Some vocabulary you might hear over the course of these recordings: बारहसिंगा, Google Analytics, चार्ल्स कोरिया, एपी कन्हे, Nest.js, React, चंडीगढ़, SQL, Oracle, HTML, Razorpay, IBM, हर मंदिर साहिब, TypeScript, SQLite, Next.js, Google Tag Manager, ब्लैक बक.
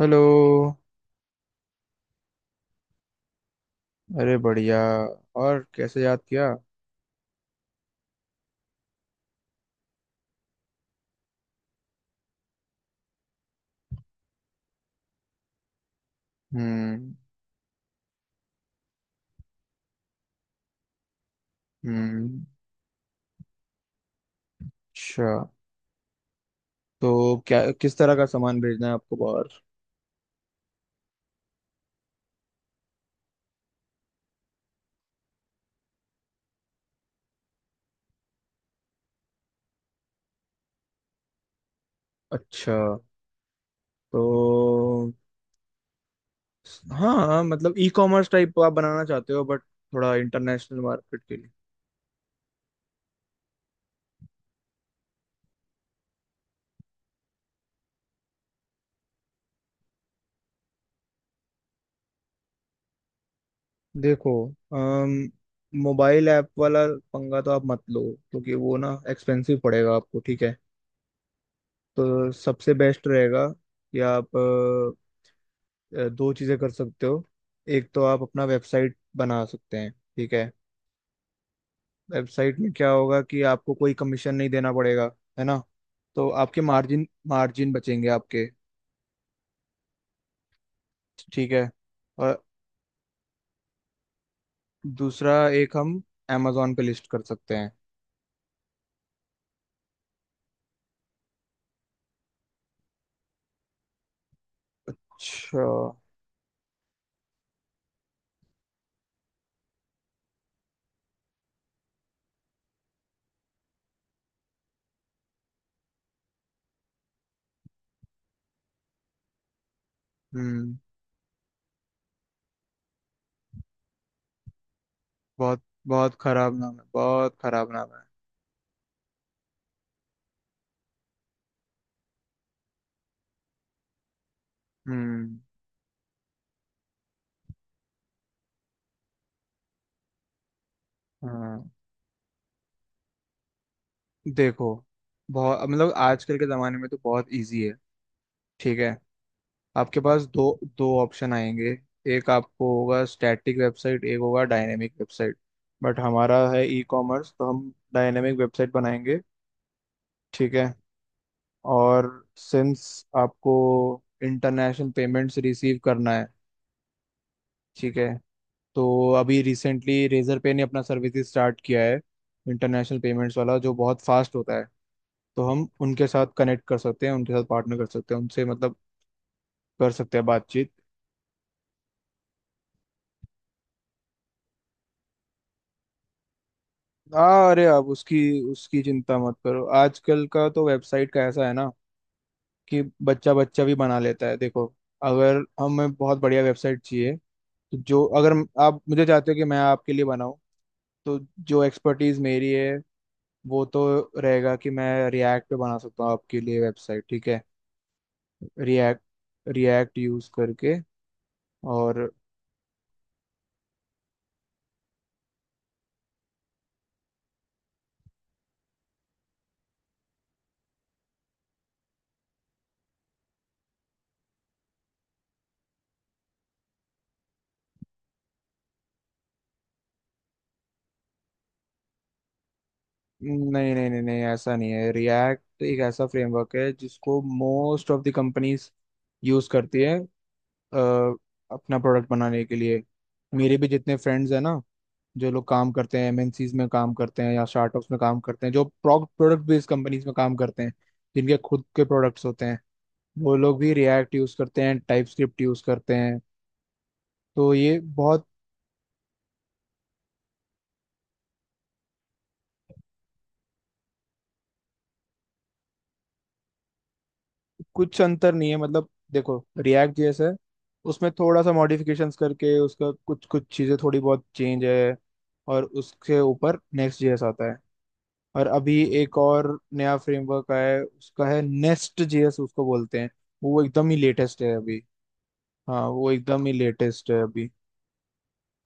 Hello. अरे बढ़िया। और कैसे याद किया। हम्म। हम्म। अच्छा, तो क्या किस तरह का सामान भेजना है आपको बाहर। अच्छा। तो हाँ, मतलब ई कॉमर्स टाइप आप बनाना चाहते हो, बट थोड़ा इंटरनेशनल मार्केट के लिए। देखो, अम, मोबाइल ऐप वाला पंगा तो आप मत लो, क्योंकि वो ना एक्सपेंसिव पड़ेगा आपको। ठीक है। तो सबसे बेस्ट रहेगा कि आप दो चीज़ें कर सकते हो। एक तो आप अपना वेबसाइट बना सकते हैं। ठीक है। वेबसाइट में क्या होगा कि आपको कोई कमीशन नहीं देना पड़ेगा, है ना। तो आपके मार्जिन मार्जिन बचेंगे आपके। ठीक है। और दूसरा एक हम amazon पे लिस्ट कर सकते हैं। अच्छा। हम्म बहुत, बहुत खराब नाम है, बहुत खराब नाम है। हम्म हाँ, देखो बहुत मतलब आजकल के ज़माने में तो बहुत इजी है। ठीक है। आपके पास दो, दो ऑप्शन आएंगे। एक आपको होगा स्टैटिक वेबसाइट, एक होगा डायनेमिक वेबसाइट। बट हमारा है ई कॉमर्स, तो हम डायनेमिक वेबसाइट बनाएंगे। ठीक है। और सिंस आपको इंटरनेशनल पेमेंट्स रिसीव करना है, ठीक है, तो अभी रिसेंटली रेजर पे ने अपना सर्विस स्टार्ट किया है इंटरनेशनल पेमेंट्स वाला, जो बहुत फास्ट होता है। तो हम उनके साथ कनेक्ट कर सकते हैं, उनके साथ पार्टनर कर सकते हैं, उनसे मतलब कर सकते हैं बातचीत। हाँ, अरे आप उसकी उसकी चिंता मत करो, आजकल का तो वेबसाइट का ऐसा है ना कि बच्चा बच्चा भी बना लेता है। देखो, अगर हमें बहुत बढ़िया वेबसाइट चाहिए, तो जो अगर आप मुझे चाहते हो कि मैं आपके लिए बनाऊं, तो जो एक्सपर्टीज मेरी है, वो तो रहेगा कि मैं रिएक्ट पे बना सकता हूँ आपके लिए वेबसाइट। ठीक है। रिएक्ट, रिएक्ट यूज करके। और नहीं, नहीं, नहीं, नहीं, ऐसा नहीं है। रिएक्ट एक ऐसा फ्रेमवर्क है जिसको most of the companies use करती है, अ, अपना प्रोडक्ट बनाने के लिए। मेरे भी जितने फ्रेंड्स हैं ना, जो लोग काम करते हैं एमएनसीज में काम करते हैं या स्टार्टअप्स में काम करते हैं, जो प्रोडक्ट बेस्ड कंपनीज में काम करते हैं, जिनके खुद के प्रोडक्ट्स होते हैं, वो लोग भी रिएक्ट यूज़ करते हैं, टाइप स्क्रिप्ट यूज़ करते हैं। तो ये बहुत कुछ अंतर नहीं है। मतलब देखो, रिएक्ट जैसा है, उसमें थोड़ा सा मॉडिफिकेशंस करके उसका कुछ कुछ चीज़ें थोड़ी बहुत चेंज है, और उसके ऊपर नेक्स्ट जेएस आता है। और अभी एक और नया फ्रेमवर्क आया है, उसका है नेस्ट जेएस, उसको बोलते हैं। वो एकदम ही लेटेस्ट है अभी। हाँ, वो एकदम ही लेटेस्ट है अभी।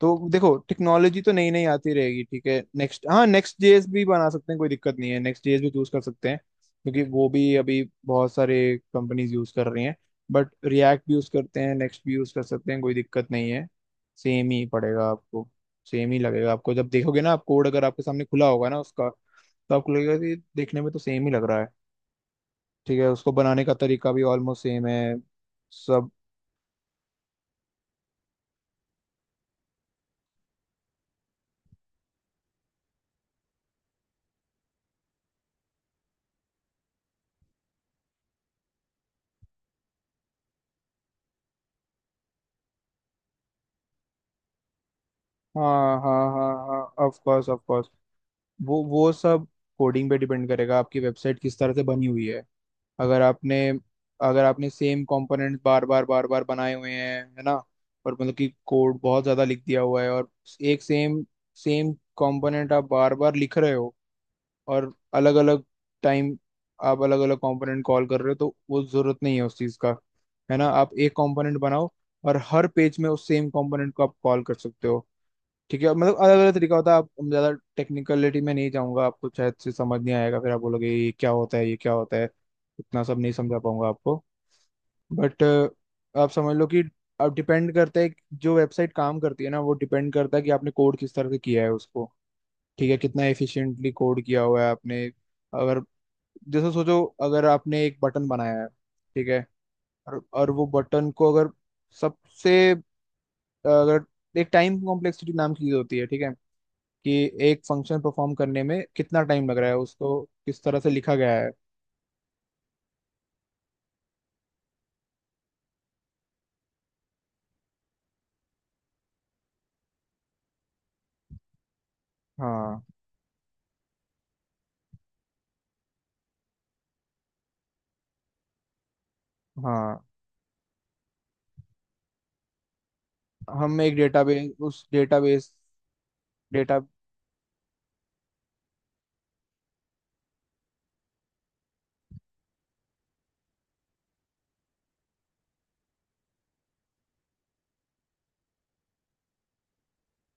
तो देखो, टेक्नोलॉजी तो नई नई आती रहेगी। ठीक है, नेक्स्ट, हाँ नेक्स्ट जेएस भी बना सकते हैं, कोई दिक्कत नहीं है। नेक्स्ट जेएस भी चूज कर सकते हैं, क्योंकि वो भी अभी बहुत सारे कंपनीज यूज कर रही हैं। बट रिएक्ट भी यूज करते हैं, नेक्स्ट भी यूज कर सकते हैं, कोई दिक्कत नहीं है। सेम ही पड़ेगा आपको। सेम ही लगेगा आपको। जब देखोगे ना आप कोड, अगर आपके सामने खुला होगा ना उसका, तो आपको लगेगा कि देखने में तो सेम ही लग रहा है। ठीक है। उसको बनाने का तरीका भी ऑलमोस्ट सेम है सब। हाँ, हाँ, हाँ, हाँ, ऑफ कोर्स। वो सब कोडिंग पे डिपेंड करेगा आपकी वेबसाइट किस तरह से बनी हुई है। अगर आपने, अगर आपने सेम कंपोनेंट बार बार बार बार बनाए हुए हैं, है ना, और मतलब कि कोड बहुत ज़्यादा लिख दिया हुआ है, और एक सेम सेम कंपोनेंट आप बार बार लिख रहे हो, और अलग अलग टाइम आप अलग अलग कंपोनेंट कॉल कर रहे हो, तो वो ज़रूरत नहीं है उस चीज़ का। है ना, आप एक कंपोनेंट बनाओ और हर पेज में उस सेम कंपोनेंट को आप कॉल कर सकते हो। ठीक है, मतलब अलग अलग तरीका होता है। आप हम ज्यादा टेक्निकलिटी में नहीं जाऊंगा, आपको शायद से समझ नहीं आएगा, फिर आप बोलोगे ये क्या होता है ये क्या होता है। इतना सब नहीं समझा पाऊंगा आपको। बट आप समझ लो कि अब डिपेंड करता है कि जो वेबसाइट काम करती है ना, वो डिपेंड करता है कि आपने कोड किस तरह से किया है उसको। ठीक है, कितना एफिशिएंटली कोड किया हुआ है आपने। अगर, जैसे सोचो, अगर आपने एक बटन बनाया है, ठीक है, और वो बटन को अगर सबसे, अगर एक टाइम कॉम्प्लेक्सिटी नाम की चीज होती है, ठीक है, कि एक फंक्शन परफॉर्म करने में कितना टाइम लग रहा है उसको, किस तरह से लिखा गया है। हाँ, हाँ, हम एक डेटाबेस उस डेटाबेस डेटा।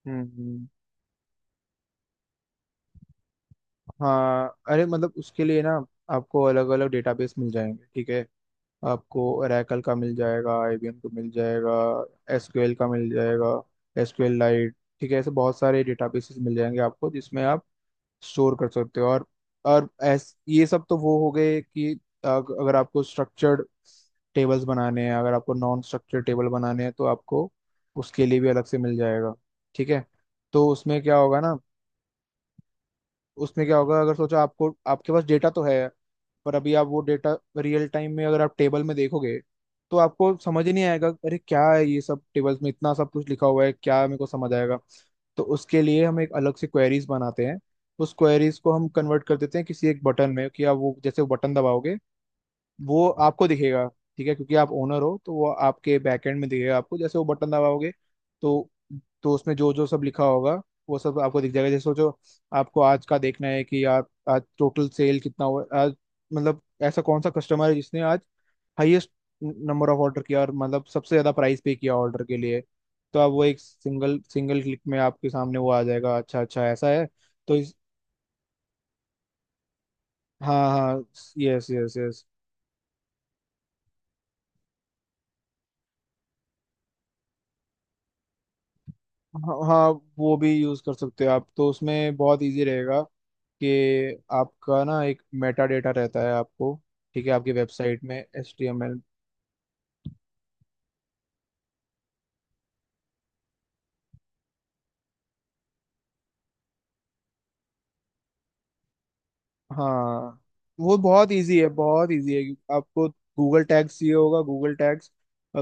हम्म, हाँ अरे मतलब उसके लिए ना आपको अलग अलग डेटाबेस मिल जाएंगे। ठीक है, आपको ओरेकल का मिल जाएगा, आईबीएम का मिल जाएगा, एसक्यूएल का मिल जाएगा, एसक्यूएल लाइट, ठीक है, ऐसे बहुत सारे डेटाबेसेस मिल जाएंगे आपको, जिसमें आप स्टोर कर सकते हो। और ऐस ये सब तो वो हो गए कि अगर आपको स्ट्रक्चर्ड टेबल्स बनाने हैं, अगर आपको नॉन स्ट्रक्चर्ड टेबल बनाने हैं, तो आपको उसके लिए भी अलग से मिल जाएगा। ठीक है। तो उसमें क्या होगा ना, उसमें क्या होगा, अगर सोचो आपको आपके पास डेटा तो है, पर अभी आप वो डेटा रियल टाइम में अगर आप टेबल में देखोगे, तो आपको समझ ही नहीं आएगा, अरे क्या है ये सब टेबल्स में इतना सब कुछ लिखा हुआ है, क्या मेरे को समझ आएगा। तो उसके लिए हम एक अलग से क्वेरीज बनाते हैं। उस क्वेरीज को हम कन्वर्ट कर देते हैं किसी एक बटन में, कि आप वो, जैसे वो बटन दबाओगे, वो आपको दिखेगा। ठीक है, क्योंकि आप ओनर हो तो वो आपके बैकएंड में दिखेगा आपको, जैसे वो बटन दबाओगे, तो तो उसमें जो जो सब लिखा होगा, वो सब आपको दिख जाएगा। जैसे सोचो, आपको आज का देखना है कि यार आज टोटल सेल कितना हुआ आज, मतलब ऐसा कौन सा कस्टमर है जिसने आज हाईएस्ट नंबर ऑफ ऑर्डर किया, और मतलब सबसे ज्यादा प्राइस पे किया ऑर्डर के लिए, तो आप वो एक सिंगल सिंगल क्लिक में आपके सामने वो आ जाएगा। अच्छा, अच्छा ऐसा है। तो इस, हाँ हाँ, यस, यस, यस। हाँ, हाँ, वो भी यूज कर सकते हो आप, तो उसमें बहुत इजी रहेगा कि आपका ना एक मेटा डेटा रहता है आपको, ठीक है, आपकी वेबसाइट में एच टी एम एल। हाँ वो बहुत इजी है, बहुत इजी है आपको। गूगल टैग्स चाहिए होगा, गूगल टैग्स,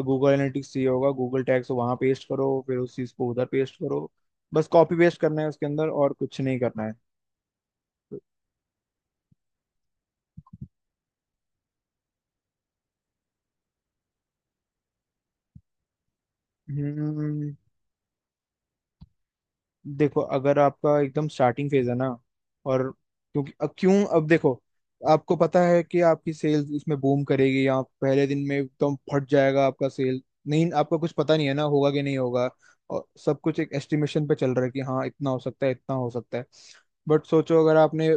गूगल एनालिटिक्स चाहिए होगा, गूगल टैग्स वहाँ पेस्ट करो, फिर उस चीज़ को उधर पेस्ट करो। बस कॉपी पेस्ट करना है उसके अंदर, और कुछ नहीं करना है। हम्म देखो, अगर आपका एकदम स्टार्टिंग फेज है ना, और क्योंकि अब क्यों, अब देखो, आपको पता है कि आपकी सेल्स इसमें बूम करेगी या पहले दिन में एकदम फट जाएगा आपका सेल? नहीं, आपको कुछ पता नहीं है, ना होगा कि नहीं होगा, और सब कुछ एक एस्टिमेशन पे चल रहा है कि हाँ, इतना हो सकता है, इतना हो सकता है। बट सोचो, अगर आपने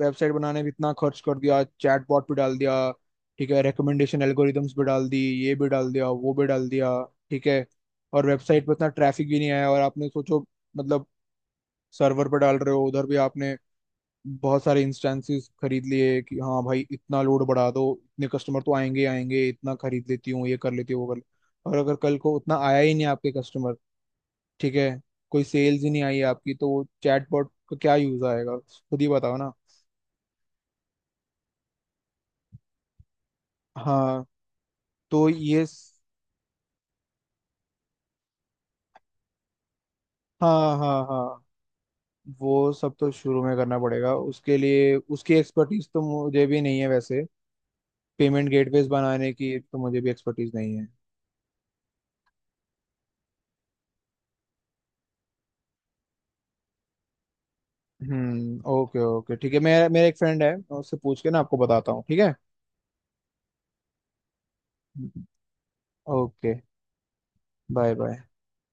वेबसाइट बनाने में इतना खर्च कर दिया, चैटबॉट पे डाल दिया, ठीक है, रिकमेंडेशन एल्गोरिदम्स पे डाल दी, ये भी डाल दिया वो भी डाल दिया, ठीक है, और वेबसाइट पे इतना ट्रैफिक भी नहीं आया, और आपने सोचो, मतलब सर्वर पे डाल रहे हो उधर भी आपने बहुत सारे इंस्टेंसेस खरीद लिए, कि हाँ भाई इतना लोड बढ़ा दो, इतने कस्टमर तो आएंगे ही आएंगे, इतना खरीद लेती हूँ, ये कर लेती हूँ, और अगर कल को उतना आया ही नहीं आपके कस्टमर, ठीक है, कोई सेल्स ही नहीं आई आपकी, तो चैटबॉट का क्या यूज आएगा, खुद ही बताओ ना। हाँ, तो ये स- हाँ, हाँ, हाँ, वो सब तो शुरू में करना पड़ेगा, उसके लिए उसकी एक्सपर्टीज तो मुझे भी नहीं है वैसे। पेमेंट गेटवेज बनाने की तो मुझे भी एक्सपर्टीज नहीं है। हम्म, ओके, ओके, ठीक है, मेरा मेरा एक फ्रेंड है, मैं उससे पूछ के ना आपको बताता हूँ। ठीक है। ओके। Bye, bye.